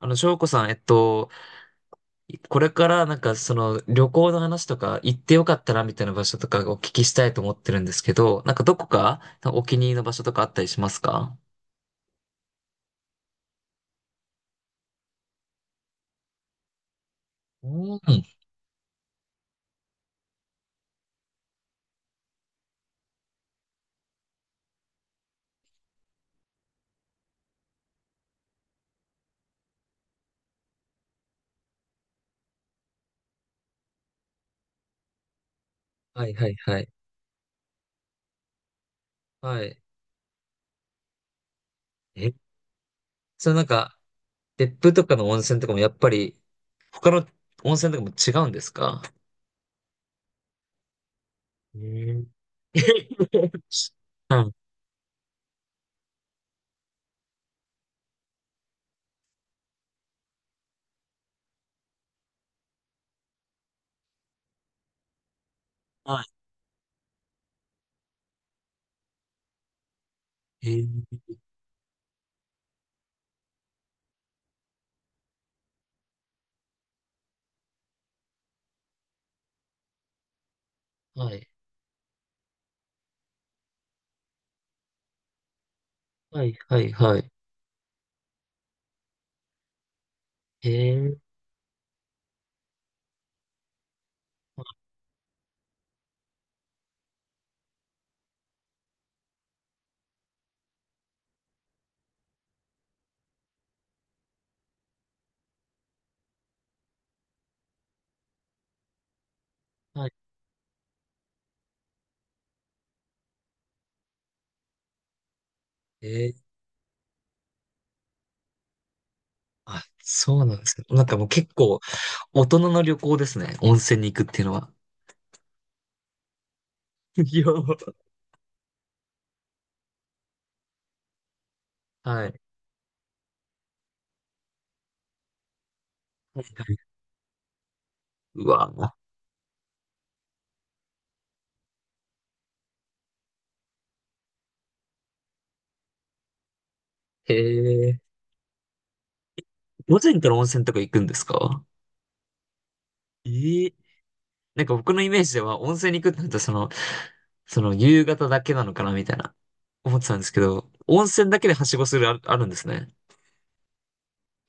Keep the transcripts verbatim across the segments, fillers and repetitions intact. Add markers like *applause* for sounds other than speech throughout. あの、翔子さん、えっと、これからなんかその旅行の話とか行ってよかったなみたいな場所とかお聞きしたいと思ってるんですけど、なんかどこかお気に入りの場所とかあったりしますか？うん。はいはいはい。はい。え、それなんか、別府とかの温泉とかもやっぱり他の温泉とかも違うんですか？えー *laughs* はいはい。えーはい。はいはいはい。えーはい。えーあ、そうなんですね。なんかもう結構大人の旅行ですね。温泉に行くっていうのは。*laughs* いや、はい。うわへえ。午前から温泉とか行くんですか？ええなんか僕のイメージでは温泉に行くってなるとその、その夕方だけなのかなみたいな思ってたんですけど、温泉だけではしごするあ、あるんですね。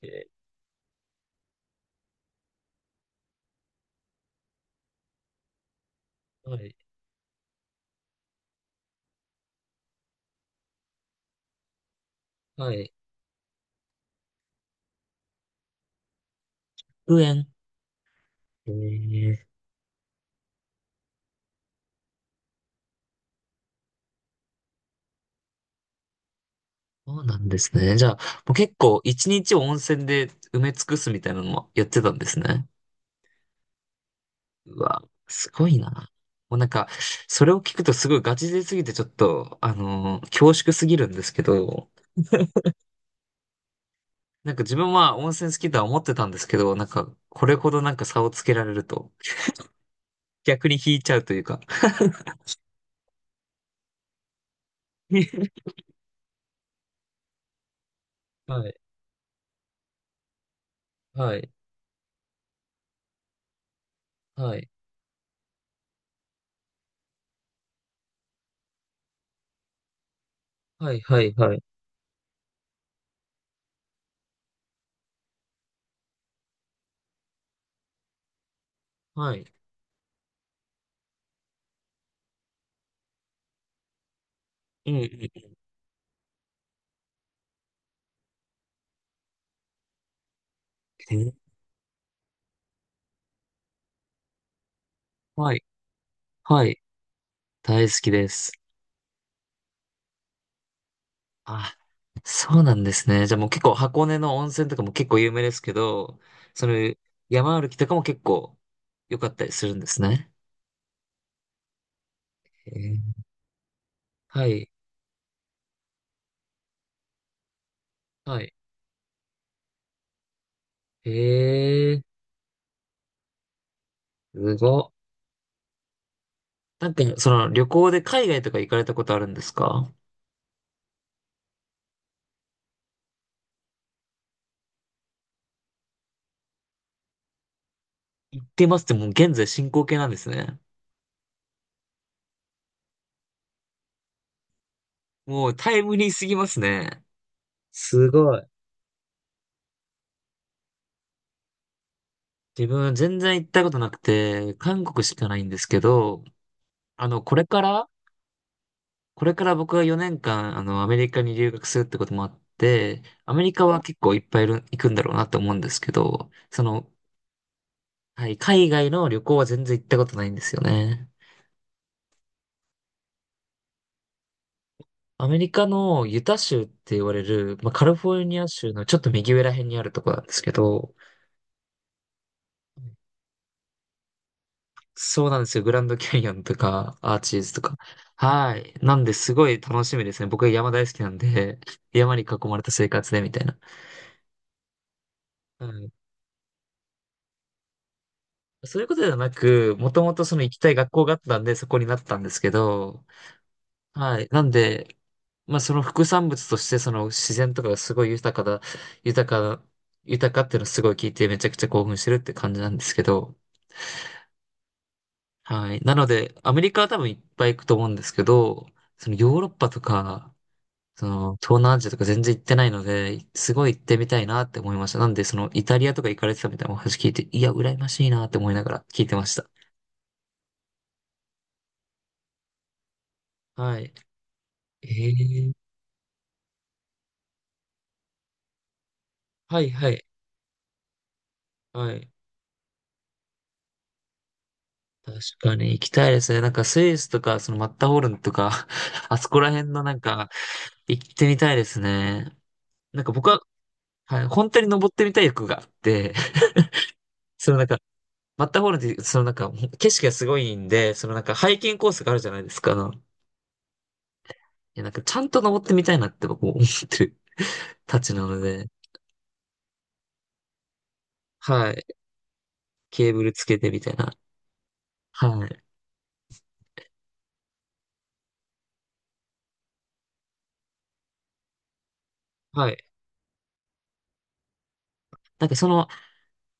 えーはい、はい。うえん。えー、そうなんですね。じゃあ、もう結構一日を温泉で埋め尽くすみたいなのもやってたんですね。うわ、すごいな。もうなんか、それを聞くとすごいガチ勢すぎてちょっと、あのー恐縮すぎるんですけど、なんか自分は温泉好きとは思ってたんですけど、なんか、これほどなんか差をつけられると、逆に引いちゃうというか。*laughs* はい、はい、はい、はい、はい、はい。はい。うん、うん。えはい、はい。大好きです。あ、そうなんですね。じゃあもう結構箱根の温泉とかも結構有名ですけど、その山歩きとかも結構良かったりするんですね。えーはい、はい。ええすごっ。なんか、その旅行で海外とか行かれたことあるんですか？行ってますってもう現在進行形なんですね。もうタイムリーすぎますね。すごい。自分全然行ったことなくて、韓国しかないんですけど、あの、これからこれから僕はよねんかん、あの、アメリカに留学するってこともあって、アメリカは結構いっぱいいる行くんだろうなと思うんですけど、その、はい、海外の旅行は全然行ったことないんですよね。アメリカのユタ州って言われる、まあ、カリフォルニア州のちょっと右上ら辺にあるとこなんですけど、そうなんですよ。グランドキャニオンとか、アーチーズとか。はい。なんで、すごい楽しみですね。僕は山大好きなんで、山に囲まれた生活でみたいな。はいそういうことではなく、もともとその行きたい学校があったんで、そこになったんですけど、はい。なんで、まあその副産物として、その自然とかがすごい豊かだ、豊か、豊かっていうのをすごい聞いてめちゃくちゃ興奮してるって感じなんですけど、はい。なので、アメリカは多分いっぱい行くと思うんですけど、そのヨーロッパとか、その東南アジアとか全然行ってないので、すごい行ってみたいなって思いました。なんで、そのイタリアとか行かれてたみたいなお話聞いて、いや、羨ましいなって思いながら聞いてました。はい。ええはいはい。はい。確かに行きたいですね。なんかスイスとか、そのマッターホルンとか、*laughs* あそこら辺のなんか、行ってみたいですね。なんか僕は、はい、本当に登ってみたい欲があって、*laughs* そのなんか、マッターホルンって、そのなんか、景色がすごいんで、そのなんか、ハイキングコースがあるじゃないですか。あの、いや、なんか、ちゃんと登ってみたいなって僕も思ってるたちなので、はい。ケーブルつけてみたいな。はい。はい。なんかその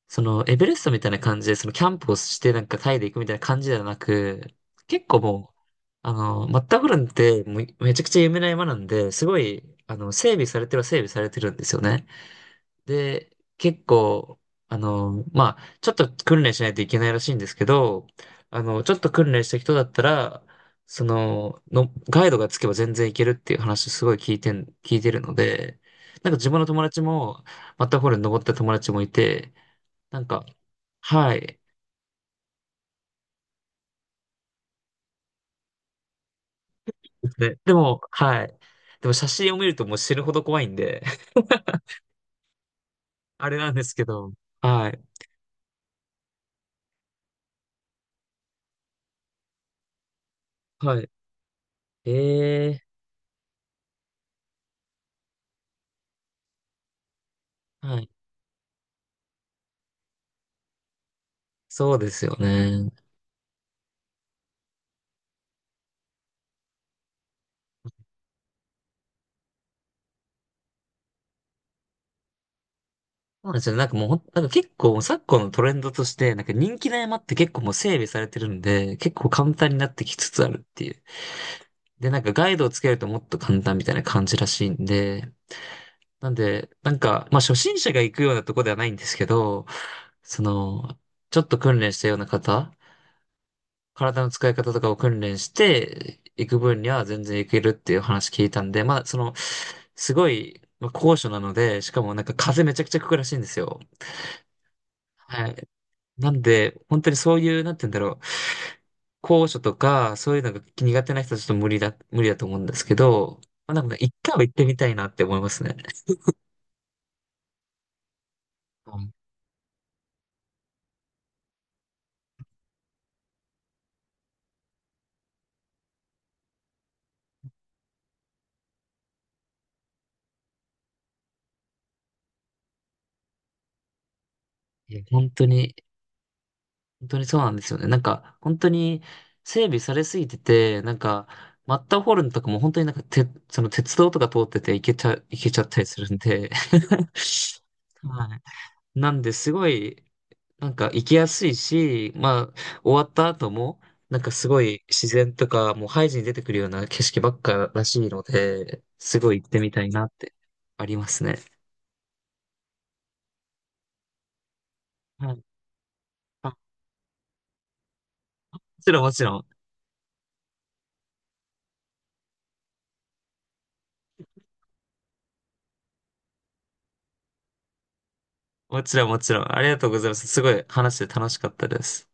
その、エベレストみたいな感じで、その、キャンプをして、なんか、タイで行くみたいな感じではなく、結構もう、あの、マッターホルンって、もう、めちゃくちゃ有名な山なんで、すごい、あの、整備されてるは整備されてるんですよね。で、結構、あの、まあ、ちょっと訓練しないといけないらしいんですけど、あの、ちょっと訓練した人だったら、その、の、ガイドがつけば全然いけるっていう話すごい聞いてん、聞いてるので、なんか自分の友達も、マッターホルン登った友達もいて、なんか、はい。ですね。でも、はい。でも写真を見るともう死ぬほど怖いんで、*laughs* あれなんですけど、はい。はい。ええはい。そうですよね。そうなんですよね。なんかもうほん、なんか結構昨今のトレンドとして、なんか人気の山って結構もう整備されてるんで、結構簡単になってきつつあるっていう。で、なんかガイドをつけるともっと簡単みたいな感じらしいんで、なんで、なんか、まあ初心者が行くようなとこではないんですけど、その、ちょっと訓練したような方体の使い方とかを訓練していく分には全然いけるっていう話聞いたんで、まあ、その、すごい、まあ、高所なので、しかもなんか風めちゃくちゃ吹くらしいんですよ。はい。なんで、本当にそういう、なんて言うんだろう。高所とか、そういうのが苦手な人はちょっと無理だ、無理だと思うんですけど、まあ、なんか一回は行ってみたいなって思いますね。うんいや本当に本当にそうなんですよね。なんか、本当に整備されすぎてて、なんか、マッターホルンとかも本当になんか、て、その鉄道とか通ってて行けちゃ、行けちゃったりするんで。*laughs* はい。なんで、すごい、なんか行きやすいし、まあ、終わった後も、なんかすごい自然とか、もうハイジに出てくるような景色ばっからしいので、すごい行ってみたいなってありますね。はい。あもちろん、もちろん。もちろん、もちろん。ありがとうございます。すごい話して楽しかったです。